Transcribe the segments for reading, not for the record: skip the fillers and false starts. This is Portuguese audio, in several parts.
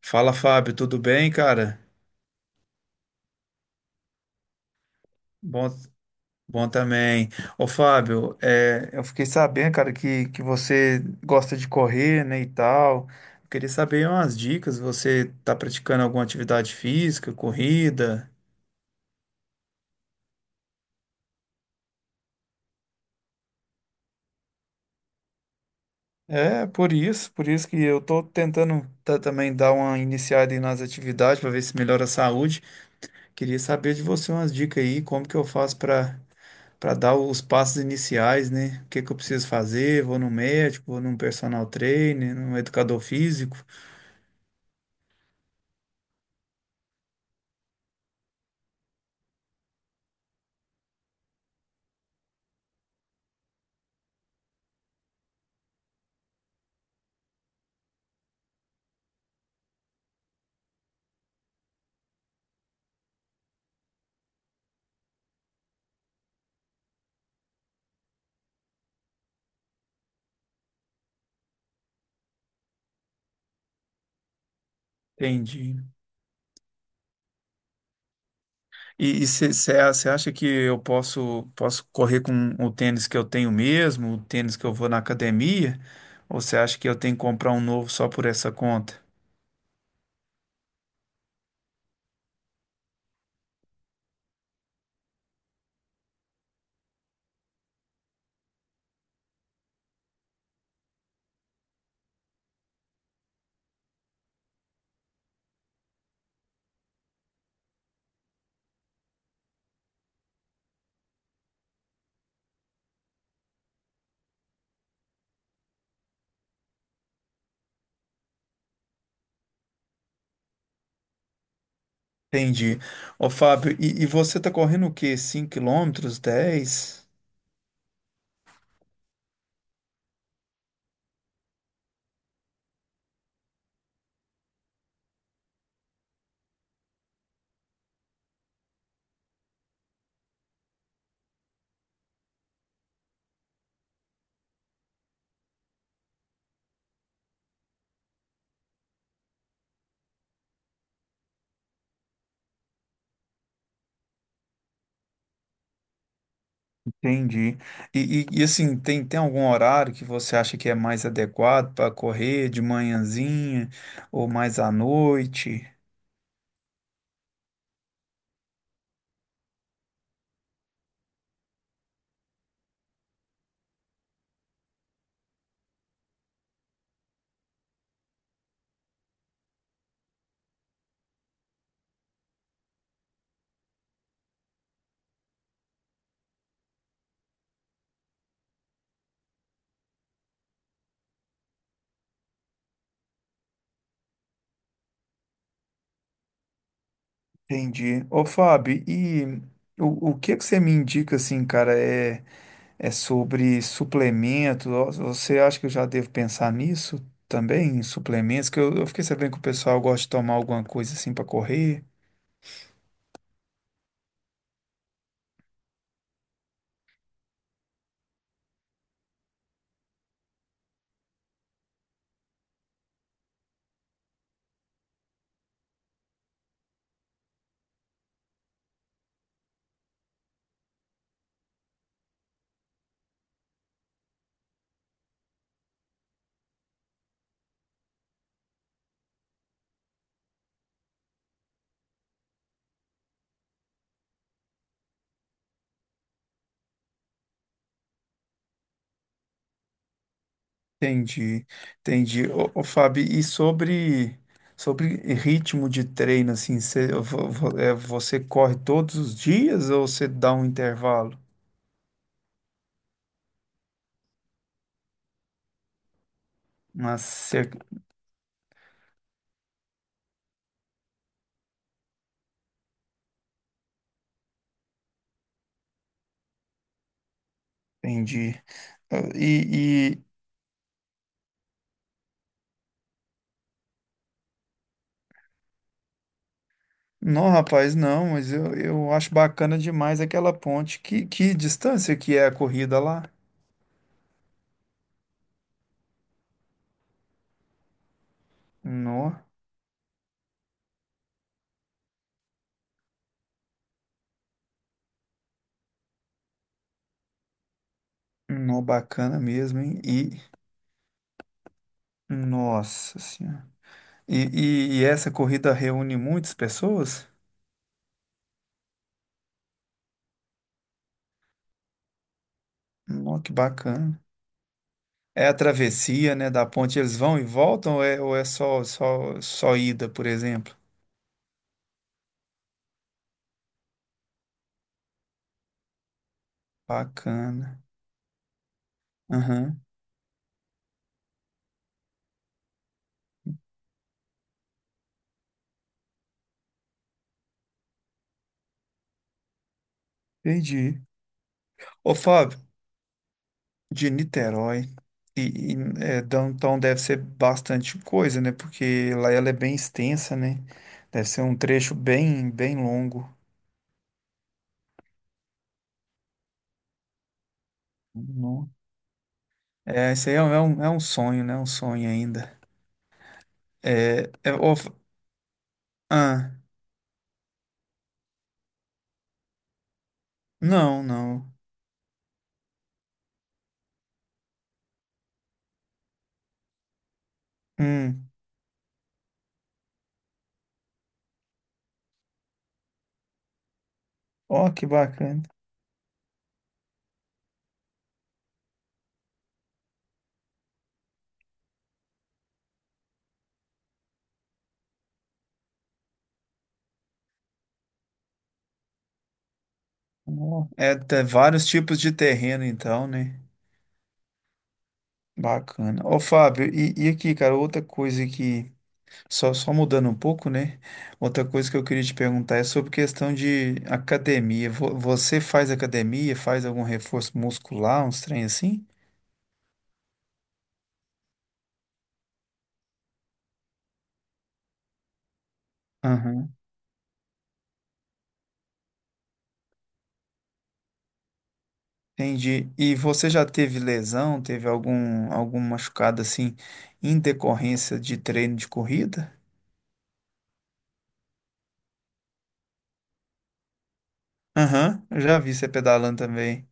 Fala, Fábio, tudo bem, cara? Bom, bom também. Ô, Fábio, eu fiquei sabendo, cara, que você gosta de correr, né, e tal. Eu queria saber umas dicas. Você tá praticando alguma atividade física, corrida? É, por isso que eu tô tentando também dar uma iniciada aí nas atividades para ver se melhora a saúde. Queria saber de você umas dicas aí, como que eu faço para dar os passos iniciais, né? O que que eu preciso fazer? Vou no médico, vou num personal trainer, num educador físico. Entendi. E você acha que eu posso correr com o tênis que eu tenho mesmo, o tênis que eu vou na academia? Ou você acha que eu tenho que comprar um novo só por essa conta? Entendi. Ô, Fábio, e você tá correndo o quê? 5 quilômetros, 10? Entendi. Assim, tem algum horário que você acha que é mais adequado para correr de manhãzinha ou mais à noite? Entendi. Ô, Fábio, o que que você me indica assim, cara, é sobre suplemento? Ó, você acha que eu já devo pensar nisso também, em suplementos? Que eu fiquei sabendo que o pessoal gosta de tomar alguma coisa assim para correr. Entendi, entendi. Ô, Fábio, sobre ritmo de treino, assim, você corre todos os dias ou você dá um intervalo? Mas, cê- entendi. Ah, E, e- não, rapaz, não, mas eu acho bacana demais aquela ponte. Que distância que é a corrida lá? Nó, nó, bacana mesmo, hein? Nossa senhora. E, e essa corrida reúne muitas pessoas? Nó, que bacana. É a travessia, né, da ponte, eles vão e voltam ou é só ida, por exemplo? Bacana. Aham, entendi. Ô, Fábio, de Niterói, e downtown deve ser bastante coisa, né, porque lá ela é bem extensa, né, deve ser um trecho bem longo. Não. É, isso aí é um sonho, né, um sonho ainda. Ô, ah, não, não. Hum, ó, que bacana. É, tem vários tipos de terreno, então, né? Bacana. Ô, Fábio, e aqui, cara, outra coisa que, só mudando um pouco, né? Outra coisa que eu queria te perguntar é sobre questão de academia. Você faz academia, faz algum reforço muscular, uns trem assim? Aham. Entendi. E você já teve lesão, teve algum machucado assim, em decorrência de treino de corrida? Aham, eu já vi você pedalando também.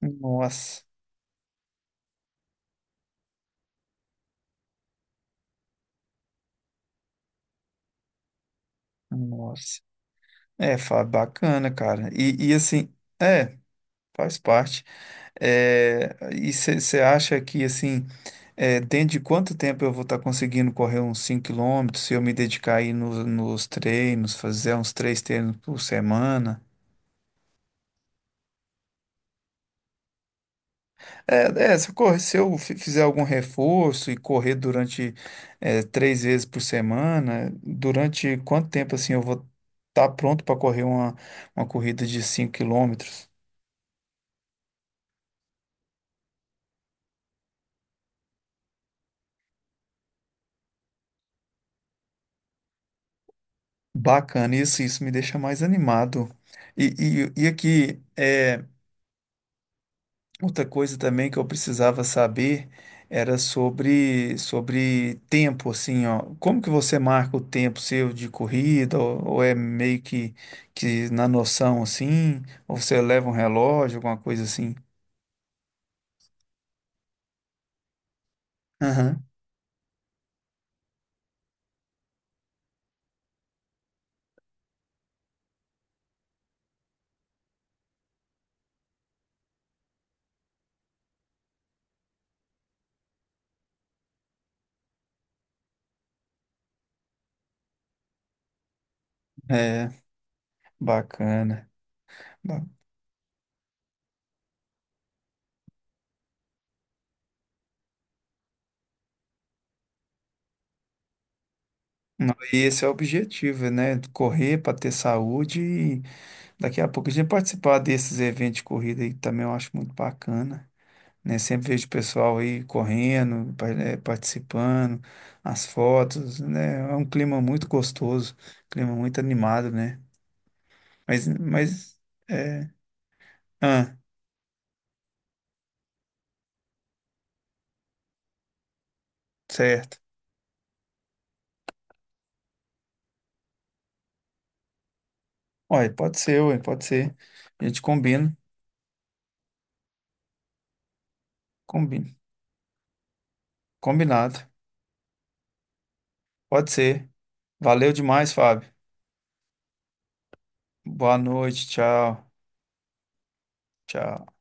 Nossa, nossa. Bacana, cara. É, faz parte. É, e você acha que, assim, dentro de quanto tempo eu vou estar conseguindo correr uns 5 quilômetros se eu me dedicar aí nos treinos, fazer uns 3 treinos por semana? Se eu fizer algum reforço e correr durante, 3 vezes por semana, durante quanto tempo, assim, eu vou estar pronto para correr uma corrida de 5 quilômetros? Bacana, isso me deixa mais animado. E, e aqui, outra coisa também que eu precisava saber era sobre tempo, assim, ó. Como que você marca o tempo seu de corrida, ou é meio que na noção, assim, ou você leva um relógio, alguma coisa assim? Aham, é, bacana. Ba- Não, e esse é o objetivo, né? Correr para ter saúde. Daqui a pouco a gente participar desses eventos de corrida aí que também eu acho muito bacana, né? Sempre vejo o pessoal aí correndo, participando, as fotos, né? É um clima muito gostoso, clima muito animado, né? Mas, mas, é... Ah, certo. Olha, pode ser, ué, pode ser. A gente combina, combinado. Pode ser. Valeu demais, Fábio. Boa noite, tchau, tchau.